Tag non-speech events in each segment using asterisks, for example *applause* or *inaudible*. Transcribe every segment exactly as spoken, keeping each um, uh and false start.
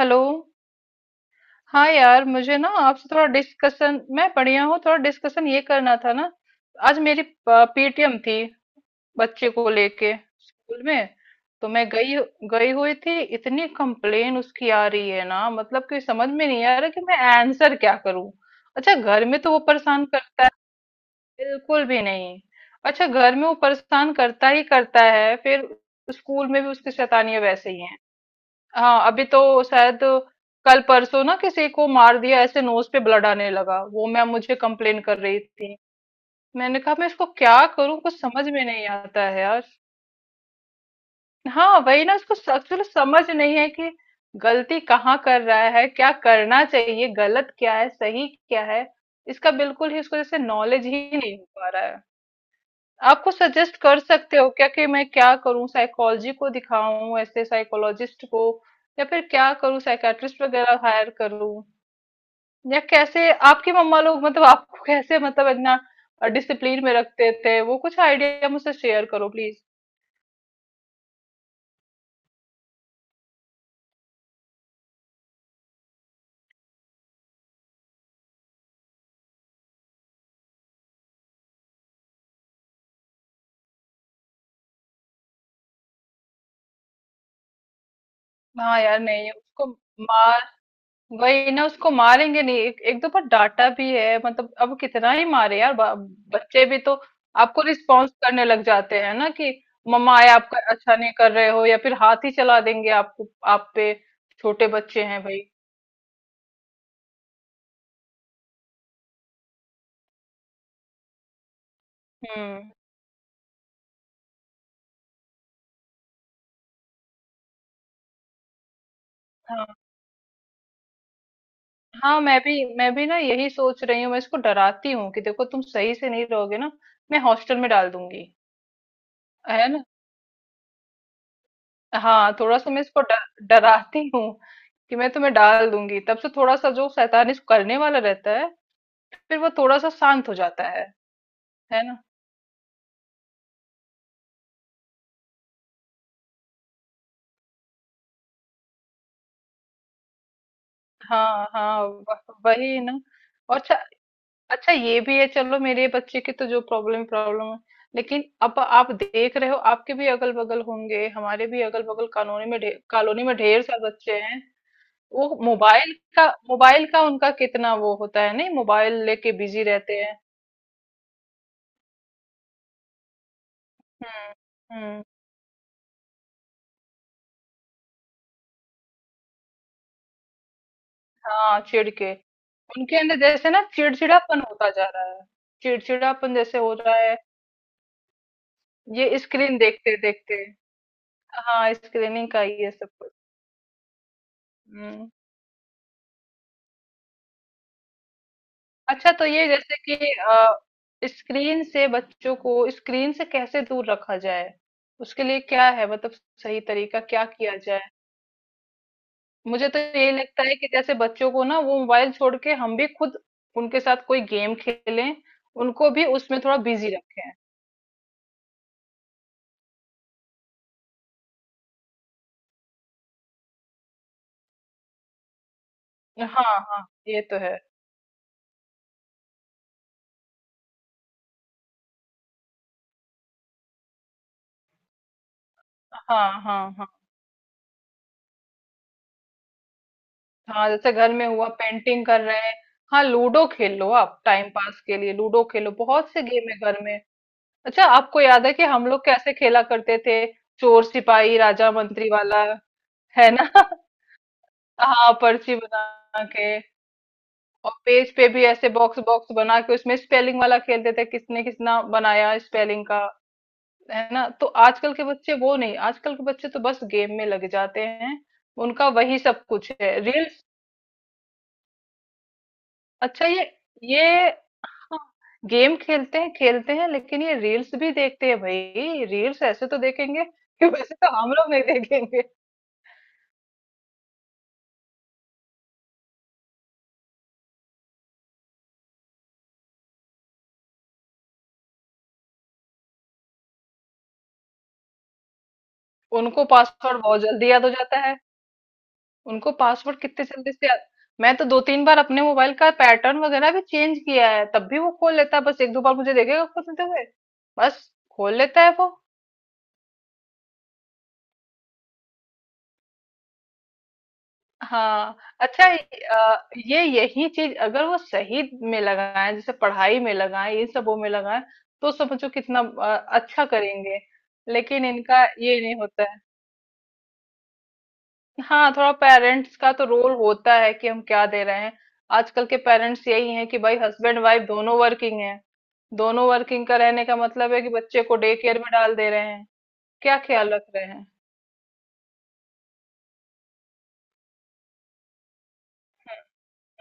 Hello. हाँ यार मुझे ना आपसे थोड़ा डिस्कशन, मैं बढ़िया हूँ, थोड़ा डिस्कशन ये करना था ना। आज मेरी पीटीएम थी, बच्चे को लेके स्कूल में। तो मैं गई गई हुई थी। इतनी कंप्लेन उसकी आ रही है ना, मतलब कि समझ में नहीं आ रहा कि मैं आंसर क्या करूँ। अच्छा, घर में तो वो परेशान करता है। बिल्कुल भी नहीं। अच्छा, घर में वो परेशान करता ही करता है, फिर स्कूल में भी उसकी शैतानियां वैसे ही हैं। हाँ, अभी तो शायद कल परसों ना किसी को मार दिया, ऐसे नोज पे ब्लड आने लगा। वो मैम मुझे कंप्लेन कर रही थी। मैंने कहा मैं इसको क्या करूं, कुछ समझ में नहीं आता है यार। हाँ वही ना, इसको एक्चुअली समझ नहीं है कि गलती कहाँ कर रहा है, क्या करना चाहिए, गलत क्या है, सही क्या है। इसका बिल्कुल ही, इसको जैसे नॉलेज ही नहीं हो पा रहा है। आपको सजेस्ट कर सकते हो क्या कि मैं क्या करूं, साइकोलॉजी को दिखाऊं, ऐसे साइकोलॉजिस्ट को या फिर क्या करूं, साइकेट्रिस्ट वगैरह हायर करूं। या कैसे आपकी मम्मा लोग, मतलब आपको कैसे, मतलब इतना डिसिप्लिन में रखते थे, वो कुछ आइडिया मुझसे शेयर करो प्लीज। हाँ यार, नहीं उसको मार, वही ना, उसको मारेंगे नहीं। एक, एक दो बार डांटा भी है। मतलब अब कितना ही मारे यार, ब- बच्चे भी तो आपको रिस्पॉन्स करने लग जाते हैं ना कि मम्मा आए, आपका अच्छा नहीं कर रहे हो या फिर हाथ ही चला देंगे आपको, आप पे। छोटे बच्चे हैं भाई। हम्म। हाँ हाँ, मैं भी मैं भी ना यही सोच रही हूँ। मैं इसको डराती हूँ कि देखो तुम सही से नहीं रहोगे ना, मैं हॉस्टल में डाल दूंगी। है ना। हाँ, थोड़ा सा मैं इसको डर डराती हूँ कि मैं तुम्हें डाल दूंगी, तब से थोड़ा सा जो शैतानी करने वाला रहता है, फिर वो थोड़ा-सा शांत हो जाता है। है ना? हाँ, हाँ, व वही ना। और अच्छा, अच्छा ये भी है। चलो, मेरे बच्चे की तो जो प्रॉब्लम प्रॉब्लम है, लेकिन अब आप देख रहे हो, आपके भी अगल-बगल होंगे, हमारे भी अगल-बगल कॉलोनी में ढे कॉलोनी में ढेर सारे बच्चे हैं। वो मोबाइल का मोबाइल का उनका कितना वो होता है, नहीं, मोबाइल लेके बिज़ी रहते हैं। हुँ, हुँ, हाँ, चिढ़ के। उनके अंदर जैसे ना चिड़चिड़ापन होता जा रहा है। चिड़चिड़ापन जैसे हो रहा है, ये स्क्रीन देखते-देखते। हाँ, स्क्रीनिंग का ही है सब कुछ। हम्म अच्छा, तो ये जैसे कि अ, स्क्रीन से बच्चों को, स्क्रीन से कैसे दूर रखा जाए, उसके लिए क्या है, मतलब सही तरीका क्या किया जाए। मुझे तो यही लगता है कि जैसे बच्चों को ना वो मोबाइल छोड़ के हम भी खुद उनके साथ कोई गेम खेलें, उनको भी उसमें थोड़ा बिजी रखें। हाँ हाँ, ये तो है। हाँ हाँ हाँ। हाँ, जैसे घर में हुआ पेंटिंग कर रहे हैं। हाँ, लूडो खेल लो। आप टाइम पास के लिए लूडो खेलो, बहुत से गेम है घर में। अच्छा, आपको याद है कि हम लोग कैसे खेला करते थे? चोर सिपाही राजा मंत्री वाला। है ना। *laughs* हाँ पर्ची बना के, और पेज पे भी ऐसे बॉक्स बॉक्स बना के उसमें स्पेलिंग वाला खेलते थे, किसने किसना बनाया स्पेलिंग का। है ना। तो आजकल के बच्चे वो नहीं, आजकल के बच्चे तो बस गेम में लग जाते हैं। उनका वही सब कुछ है, रील्स। अच्छा ये ये हाँ, गेम खेलते हैं खेलते हैं, लेकिन ये रील्स भी देखते हैं भाई। रील्स ऐसे तो देखेंगे कि वैसे तो हम लोग नहीं देखेंगे। उनको पासवर्ड बहुत जल्दी याद हो जाता है। उनको पासवर्ड कितने जल्दी से याद। मैं तो दो तीन बार अपने मोबाइल का पैटर्न वगैरह भी चेंज किया है, तब भी वो खोल लेता है। बस एक दो बार मुझे देखेगा खोलते हुए, बस, खोल लेता है वो। हाँ अच्छा, अ, ये यही चीज अगर वो सही में लगाएं, जैसे पढ़ाई में लगाएं, इन सबों में लगाएं, तो समझो कितना अ, अच्छा करेंगे। लेकिन इनका ये नहीं होता है। हाँ, थोड़ा पेरेंट्स का तो रोल होता है कि हम क्या दे रहे हैं। आजकल के पेरेंट्स यही हैं कि भाई हस्बैंड वाइफ दोनों वर्किंग हैं। दोनों वर्किंग का रहने का मतलब है कि बच्चे को डे केयर में डाल दे रहे हैं, क्या ख्याल रख रहे हैं।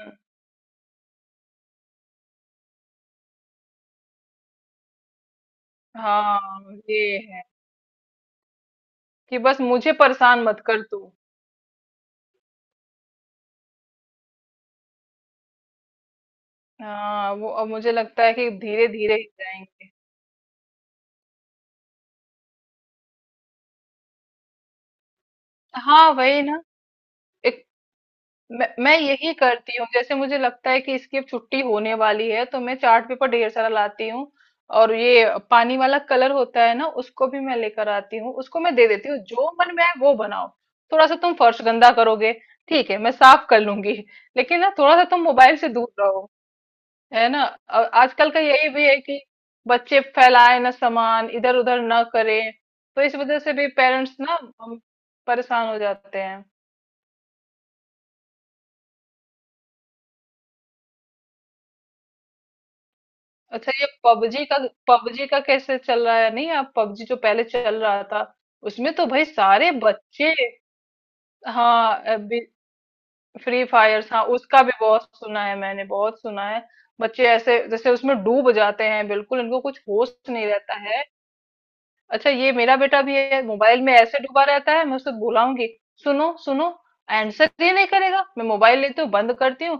हम्म। हाँ, ये है कि बस मुझे परेशान मत कर तू। हाँ, वो अब मुझे लगता है कि धीरे धीरे ही जाएंगे। हाँ वही ना, एक, मैं मैं यही करती हूँ। जैसे मुझे लगता है कि इसकी अब छुट्टी होने वाली है तो मैं चार्ट पेपर ढेर सारा लाती हूँ, और ये पानी वाला कलर होता है ना उसको भी मैं लेकर आती हूँ। उसको मैं दे देती हूँ जो मन में है वो बनाओ। थोड़ा सा तुम फर्श गंदा करोगे, ठीक है, मैं साफ कर लूंगी, लेकिन ना थोड़ा सा तुम मोबाइल से दूर रहो। है ना। और आजकल का यही भी है कि बच्चे फैलाए ना, सामान इधर उधर ना करें, तो इस वजह से भी पेरेंट्स ना अम, परेशान हो जाते हैं। अच्छा, ये पबजी का पबजी का कैसे चल रहा है, नहीं आप पबजी जो पहले चल रहा था उसमें तो भाई सारे बच्चे। हाँ अभी फ्री फायर्स, हाँ उसका भी बहुत सुना है मैंने, बहुत सुना है। बच्चे ऐसे जैसे उसमें डूब जाते हैं बिल्कुल, इनको कुछ होश नहीं रहता है। अच्छा, ये मेरा बेटा भी है मोबाइल में ऐसे डूबा रहता है। मैं उससे बुलाऊंगी, सुनो, सुनो, आंसर ही नहीं करेगा। मैं मोबाइल लेती हूँ, बंद करती हूँ,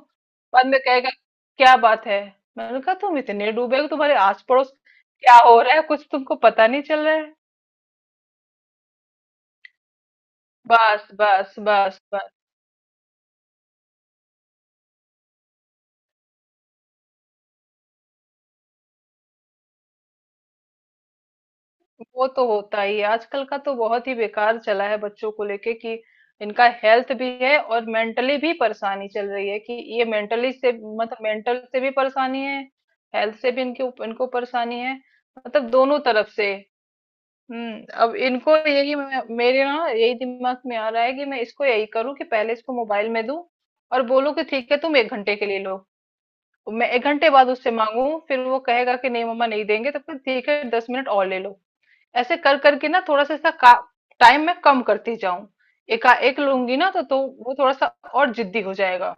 बाद में कहेगा क्या बात है। मैंने कहा तुम इतने डूबे हो, तुम्हारे आस पड़ोस क्या हो रहा है कुछ तुमको पता नहीं चल रहा है। बस बस बस बस। वो तो होता ही है, आजकल का तो बहुत ही बेकार चला है बच्चों को लेके कि इनका हेल्थ भी है, और मेंटली भी परेशानी चल रही है कि ये मेंटली से, मतलब मेंटल से भी परेशानी है, हेल्थ से भी इनके उप- इनको परेशानी है। मतलब दोनों तरफ से। हम्म, अब इनको यही मैं- मेरे ना यही दिमाग में आ रहा है कि मैं इसको यही करूं कि पहले इसको मोबाइल में दूं, और बोलूं कि ठीक है तुम एक घंटे के लिए लो। मैं एक घंटे बाद उससे मांगू, फिर वो कहेगा कि नहीं मम्मा नहीं देंगे। तब तक ठीक है दस मिनट और ले लो। ऐसे कर करके ना थोड़ा सा इसका टाइम मैं कम करती जाऊं। एका एक लूंगी ना तो तो वो थोड़ा सा और जिद्दी हो जाएगा।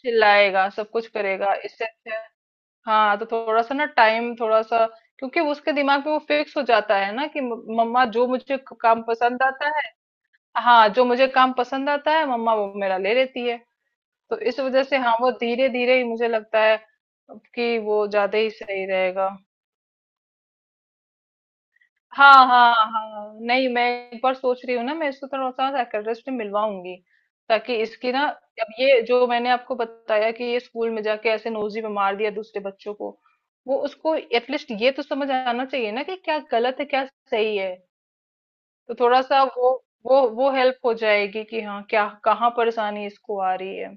चिल्लाएगा, सब कुछ करेगा, इससे अच्छा है। हाँ तो थोड़ा सा ना टाइम थोड़ा सा, क्योंकि उसके दिमाग में वो फिक्स हो जाता है ना कि म- मम्मा जो मुझे क- काम पसंद आता है, हाँ जो मुझे काम पसंद आता है मम्मा वो मेरा ले लेती है, तो इस वजह से हाँ वो धीरे धीरे ही मुझे लगता है कि वो ज्यादा ही सही रहेगा। हाँ, हाँ, हाँ। नहीं मैं एक बार सोच रही हूँ ना, मैं इसको थोड़ा सा साइकियाट्रिस्ट से मिलवाऊंगी ताकि इसकी ना, अब ये जो मैंने आपको बताया कि ये स्कूल में जाके ऐसे नोजी में मार दिया दूसरे बच्चों को, वो उसको एटलीस्ट ये तो समझ आना चाहिए ना कि क्या गलत है क्या सही है। तो थोड़ा सा वो, वो वो हेल्प हो जाएगी कि हाँ क्या कहाँ परेशानी इसको आ रही है।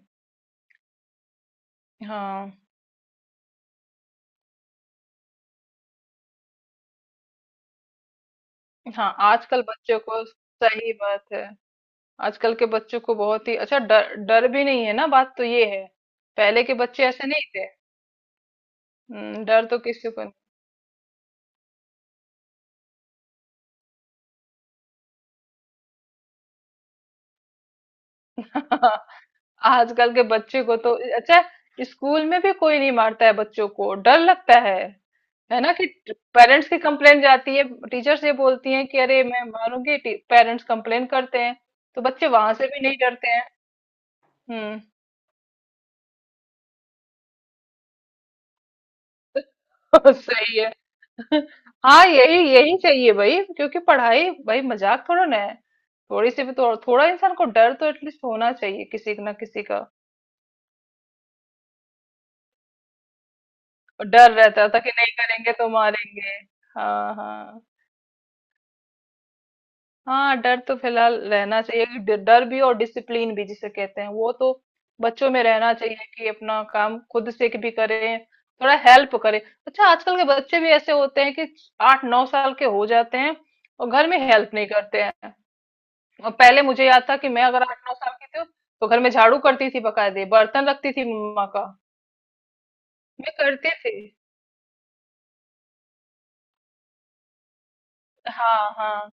हाँ। हाँ आजकल बच्चों को, सही बात है, आजकल के बच्चों को बहुत ही अच्छा डर, डर भी नहीं है ना, बात तो ये है। पहले के बच्चे ऐसे नहीं थे। हम्म, डर तो किसी को नहीं। *laughs* आजकल के बच्चे को तो अच्छा, स्कूल में भी कोई नहीं मारता है, बच्चों को डर लगता है। है ना कि पेरेंट्स की कंप्लेन जाती है, टीचर्स ये बोलती हैं कि अरे मैं मारूंगी, पेरेंट्स कंप्लेन करते हैं, तो बच्चे वहां से भी नहीं डरते हैं। हम्म। *laughs* सही है। *laughs* हाँ, यही यही चाहिए भाई, क्योंकि पढ़ाई भाई मजाक थोड़ा ना है। थोड़ी सी भी तो, थोड़ा इंसान को डर तो एटलीस्ट होना चाहिए किसी ना किसी का। और डर रहता था कि नहीं करेंगे तो मारेंगे। हाँ हाँ। हाँ, डर तो फिलहाल रहना चाहिए कि डर, डर भी और डिसिप्लिन भी जिसे कहते हैं वो तो बच्चों में रहना चाहिए कि अपना काम खुद से भी करें, थोड़ा हेल्प करें। अच्छा, आजकल के बच्चे भी ऐसे होते हैं कि आठ नौ साल के हो जाते हैं और घर में हेल्प नहीं करते हैं। और पहले मुझे याद था कि मैं अगर आठ नौ साल की थी तो घर में झाड़ू करती थी बकायदे, बर्तन रखती थी मम्मा का। मैं करती थी। हाँ हाँ,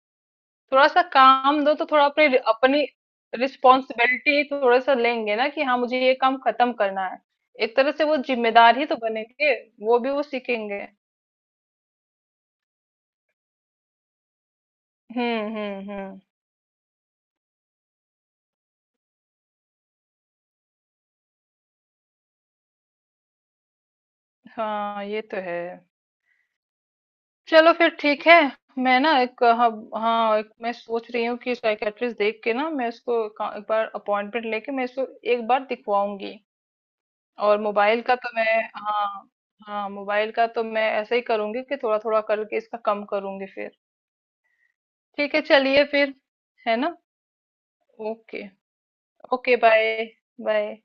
थोड़ा सा काम दो तो थोड़ा अपनी, अपनी रिस्पॉन्सिबिलिटी थोड़ा सा लेंगे ना कि हाँ मुझे ये काम खत्म करना है। एक तरह से वो जिम्मेदार ही तो बनेंगे, वो भी वो सीखेंगे। हम्म हम्म हम्म। हाँ ये तो है। चलो फिर ठीक है। मैं ना एक, हाँ, हाँ, एक मैं सोच रही हूँ कि साइकेट्रिस्ट देख के ना मैं इसको का- एक बार अपॉइंटमेंट लेके मैं इसको एक बार दिखवाऊंगी। और मोबाइल का तो मैं हाँ, हाँ मोबाइल का तो मैं ऐसे ही करूंगी कि थोड़ा थोड़ा करके इसका कम करूंगी फिर। ठीक है चलिए फिर। है ना। ओके। Okay bye. बाय।